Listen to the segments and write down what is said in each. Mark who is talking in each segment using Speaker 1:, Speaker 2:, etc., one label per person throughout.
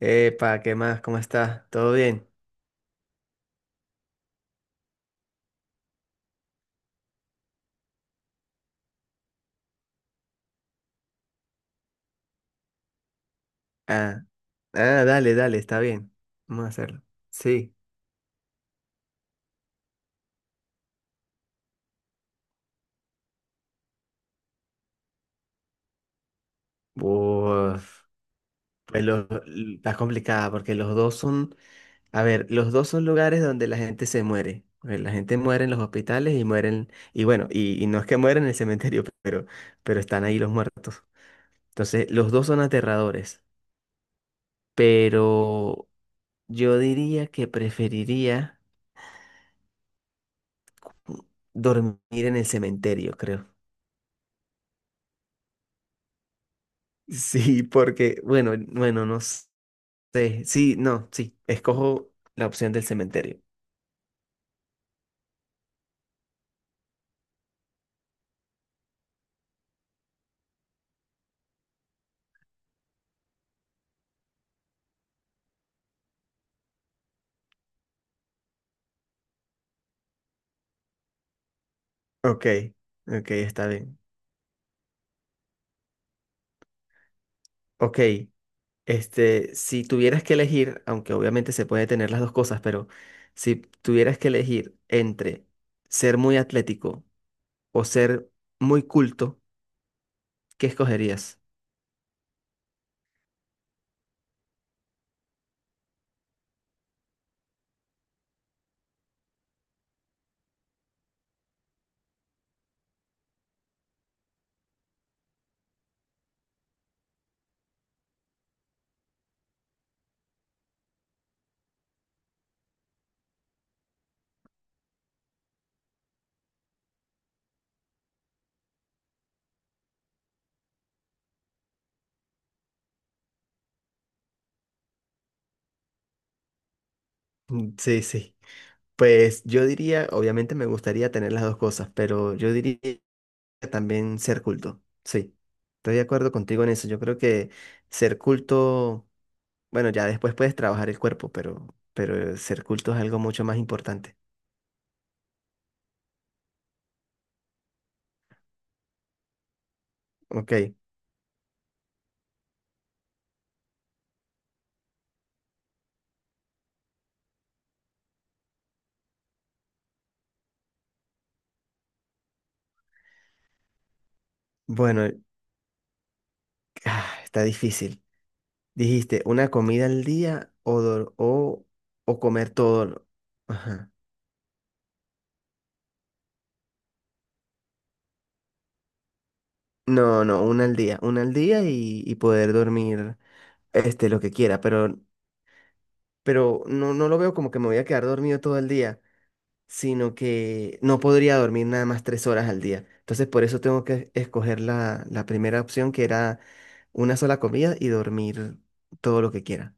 Speaker 1: Epa, ¿qué más? ¿Cómo estás? ¿Todo bien? Ah, dale, dale, está bien. Vamos a hacerlo. Sí. Uf, está complicada porque los dos son, a ver, los dos son lugares donde la gente se muere. La gente muere en los hospitales y mueren, y bueno, y no es que mueren en el cementerio, pero están ahí los muertos. Entonces, los dos son aterradores, pero yo diría que preferiría dormir en el cementerio, creo. Sí, porque, bueno, no sé. Sí, no, sí. Escojo la opción del cementerio. Ok, ok, está bien. Ok, si tuvieras que elegir, aunque obviamente se puede tener las dos cosas, pero si tuvieras que elegir entre ser muy atlético o ser muy culto, ¿qué escogerías? Mm, sí, sí. Pues yo diría, obviamente me gustaría tener las dos cosas, pero yo diría también ser culto. Sí, estoy de acuerdo contigo en eso. Yo creo que ser culto, bueno, ya después puedes trabajar el cuerpo, pero ser culto es algo mucho más importante. Ok, bueno, está difícil. Dijiste, una comida al día o comer todo lo- Ajá. No, no, una al día y poder dormir lo que quiera, pero no, no lo veo como que me voy a quedar dormido todo el día. Sino que no podría dormir nada más tres horas al día. Entonces, por eso tengo que escoger la, la primera opción, que era una sola comida y dormir todo lo que quiera.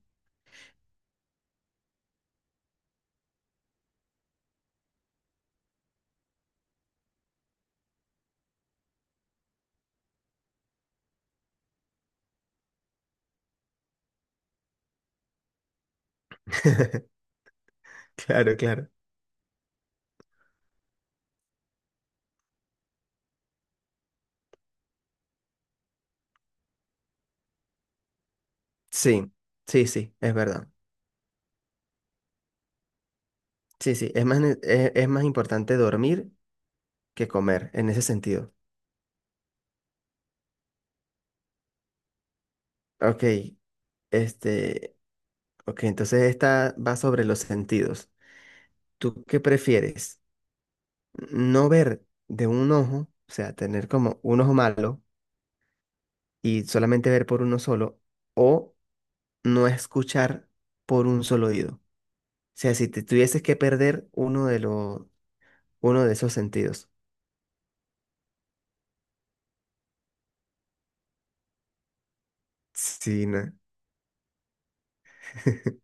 Speaker 1: Claro, claro. Sí, sí, sí, es verdad. Sí, sí, es más, es más importante dormir que comer en ese sentido. Ok, este, ok, entonces esta va sobre los sentidos. ¿Tú qué prefieres? ¿No ver de un ojo, o sea, tener como un ojo malo? ¿Y solamente ver por uno solo o no escuchar por un solo oído? O sea, si te tuvieses que perder uno de los uno de esos sentidos. Sí, no,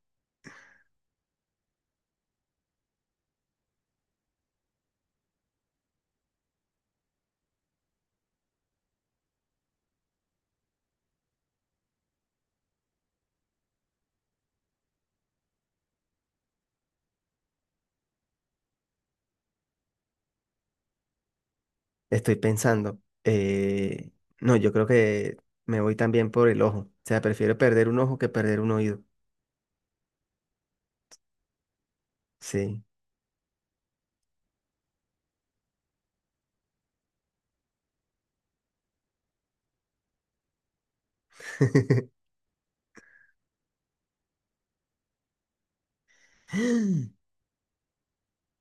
Speaker 1: estoy pensando. No, yo creo que me voy también por el ojo. O sea, prefiero perder un ojo que perder un oído. Sí.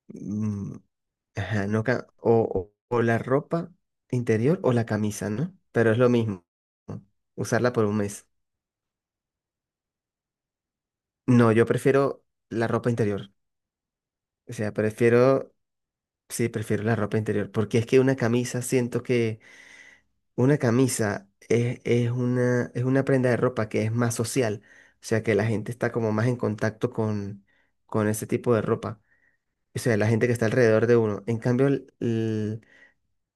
Speaker 1: Mm, ajá, no, o, o la ropa interior o la camisa, ¿no? Pero es lo mismo, ¿no? Usarla por un mes. No, yo prefiero la ropa interior. O sea, prefiero, sí, prefiero la ropa interior, porque es que una camisa, siento que una camisa es una prenda de ropa que es más social. O sea, que la gente está como más en contacto con ese tipo de ropa. O sea, la gente que está alrededor de uno. En cambio,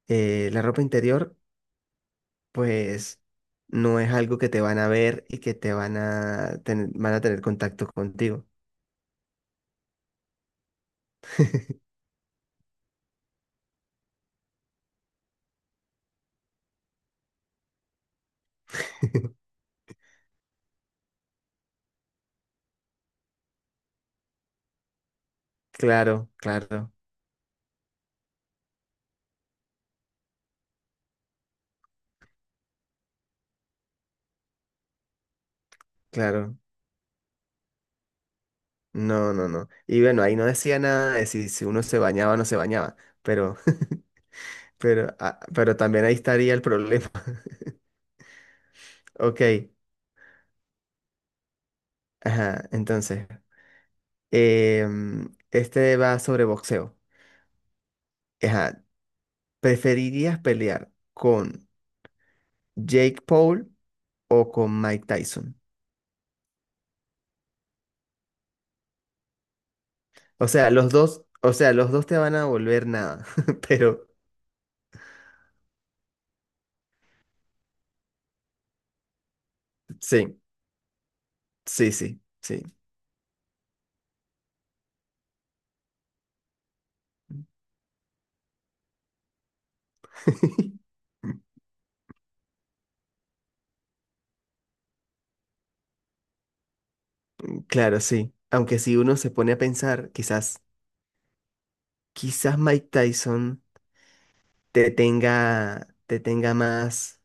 Speaker 1: la ropa interior, pues, no es algo que te van a ver y que te van a tener contacto contigo. Claro, claro, claro. No, no, no. Y bueno, ahí no decía nada de si, si uno se bañaba o no se bañaba, pero, pero, pero también ahí estaría el problema. Ok, ajá, entonces, este va sobre boxeo. Ajá, ¿preferirías pelear con Jake Paul o con Mike Tyson? O sea, los dos, o sea, los dos te van a volver nada, pero sí, sí, sí, sí. Claro, sí. Aunque si uno se pone a pensar, quizás Mike Tyson te tenga más,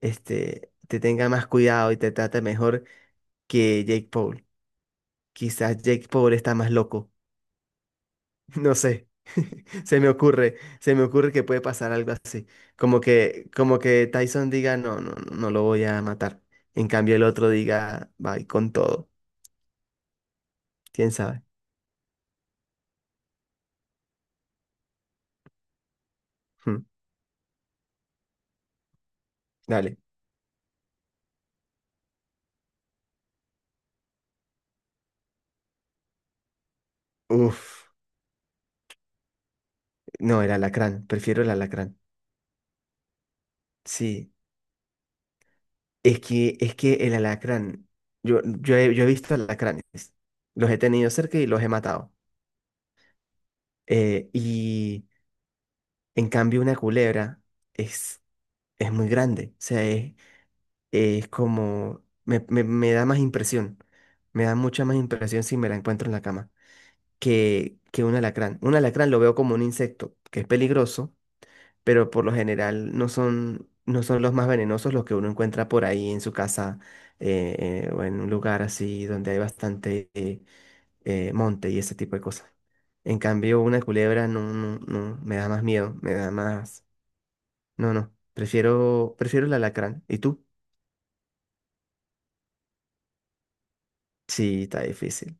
Speaker 1: te tenga más cuidado y te trate mejor que Jake Paul. Quizás Jake Paul está más loco. No sé, se me ocurre que puede pasar algo así. Como que Tyson diga, no, no, no lo voy a matar. En cambio el otro diga, bye, con todo. ¿Quién sabe? Hmm, dale. Uf, no, el alacrán, prefiero el alacrán. Sí. Es que el alacrán, yo he visto alacranes, los he tenido cerca y los he matado. Y en cambio una culebra es, es muy grande, o sea, es como, me da más impresión, me da mucha más impresión si me la encuentro en la cama que un alacrán. Un alacrán lo veo como un insecto que es peligroso pero por lo general no son, no son los más venenosos los que uno encuentra por ahí en su casa o en un lugar así donde hay bastante monte y ese tipo de cosas. En cambio, una culebra no, no, no, me da más miedo, me da más... No, no, prefiero, prefiero el alacrán. ¿Y tú? Sí, está difícil.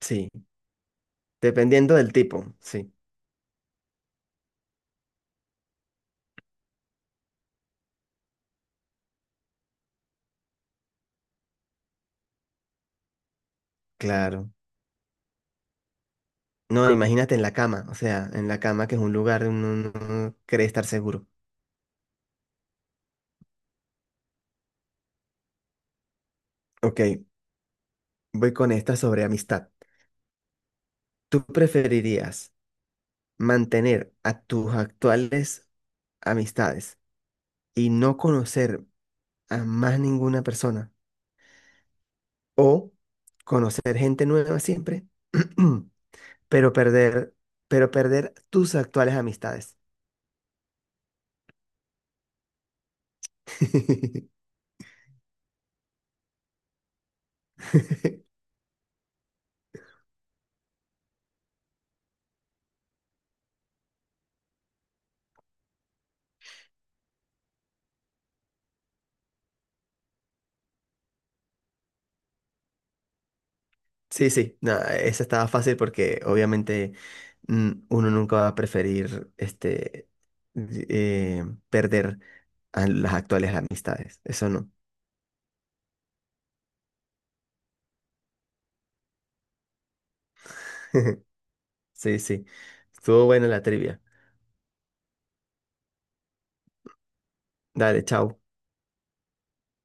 Speaker 1: Sí, dependiendo del tipo, sí, claro. No, imagínate en la cama, o sea, en la cama que es un lugar donde uno no cree estar seguro. Ok, voy con esta sobre amistad. ¿Tú preferirías mantener a tus actuales amistades y no conocer a más ninguna persona o conocer gente nueva siempre, pero perder, pero perder tus actuales amistades? Sí, sí, no, esa estaba fácil porque obviamente mm, uno nunca va a preferir eh, perder a las actuales amistades, eso no. Sí, sí. Estuvo buena la trivia. Dale, chao.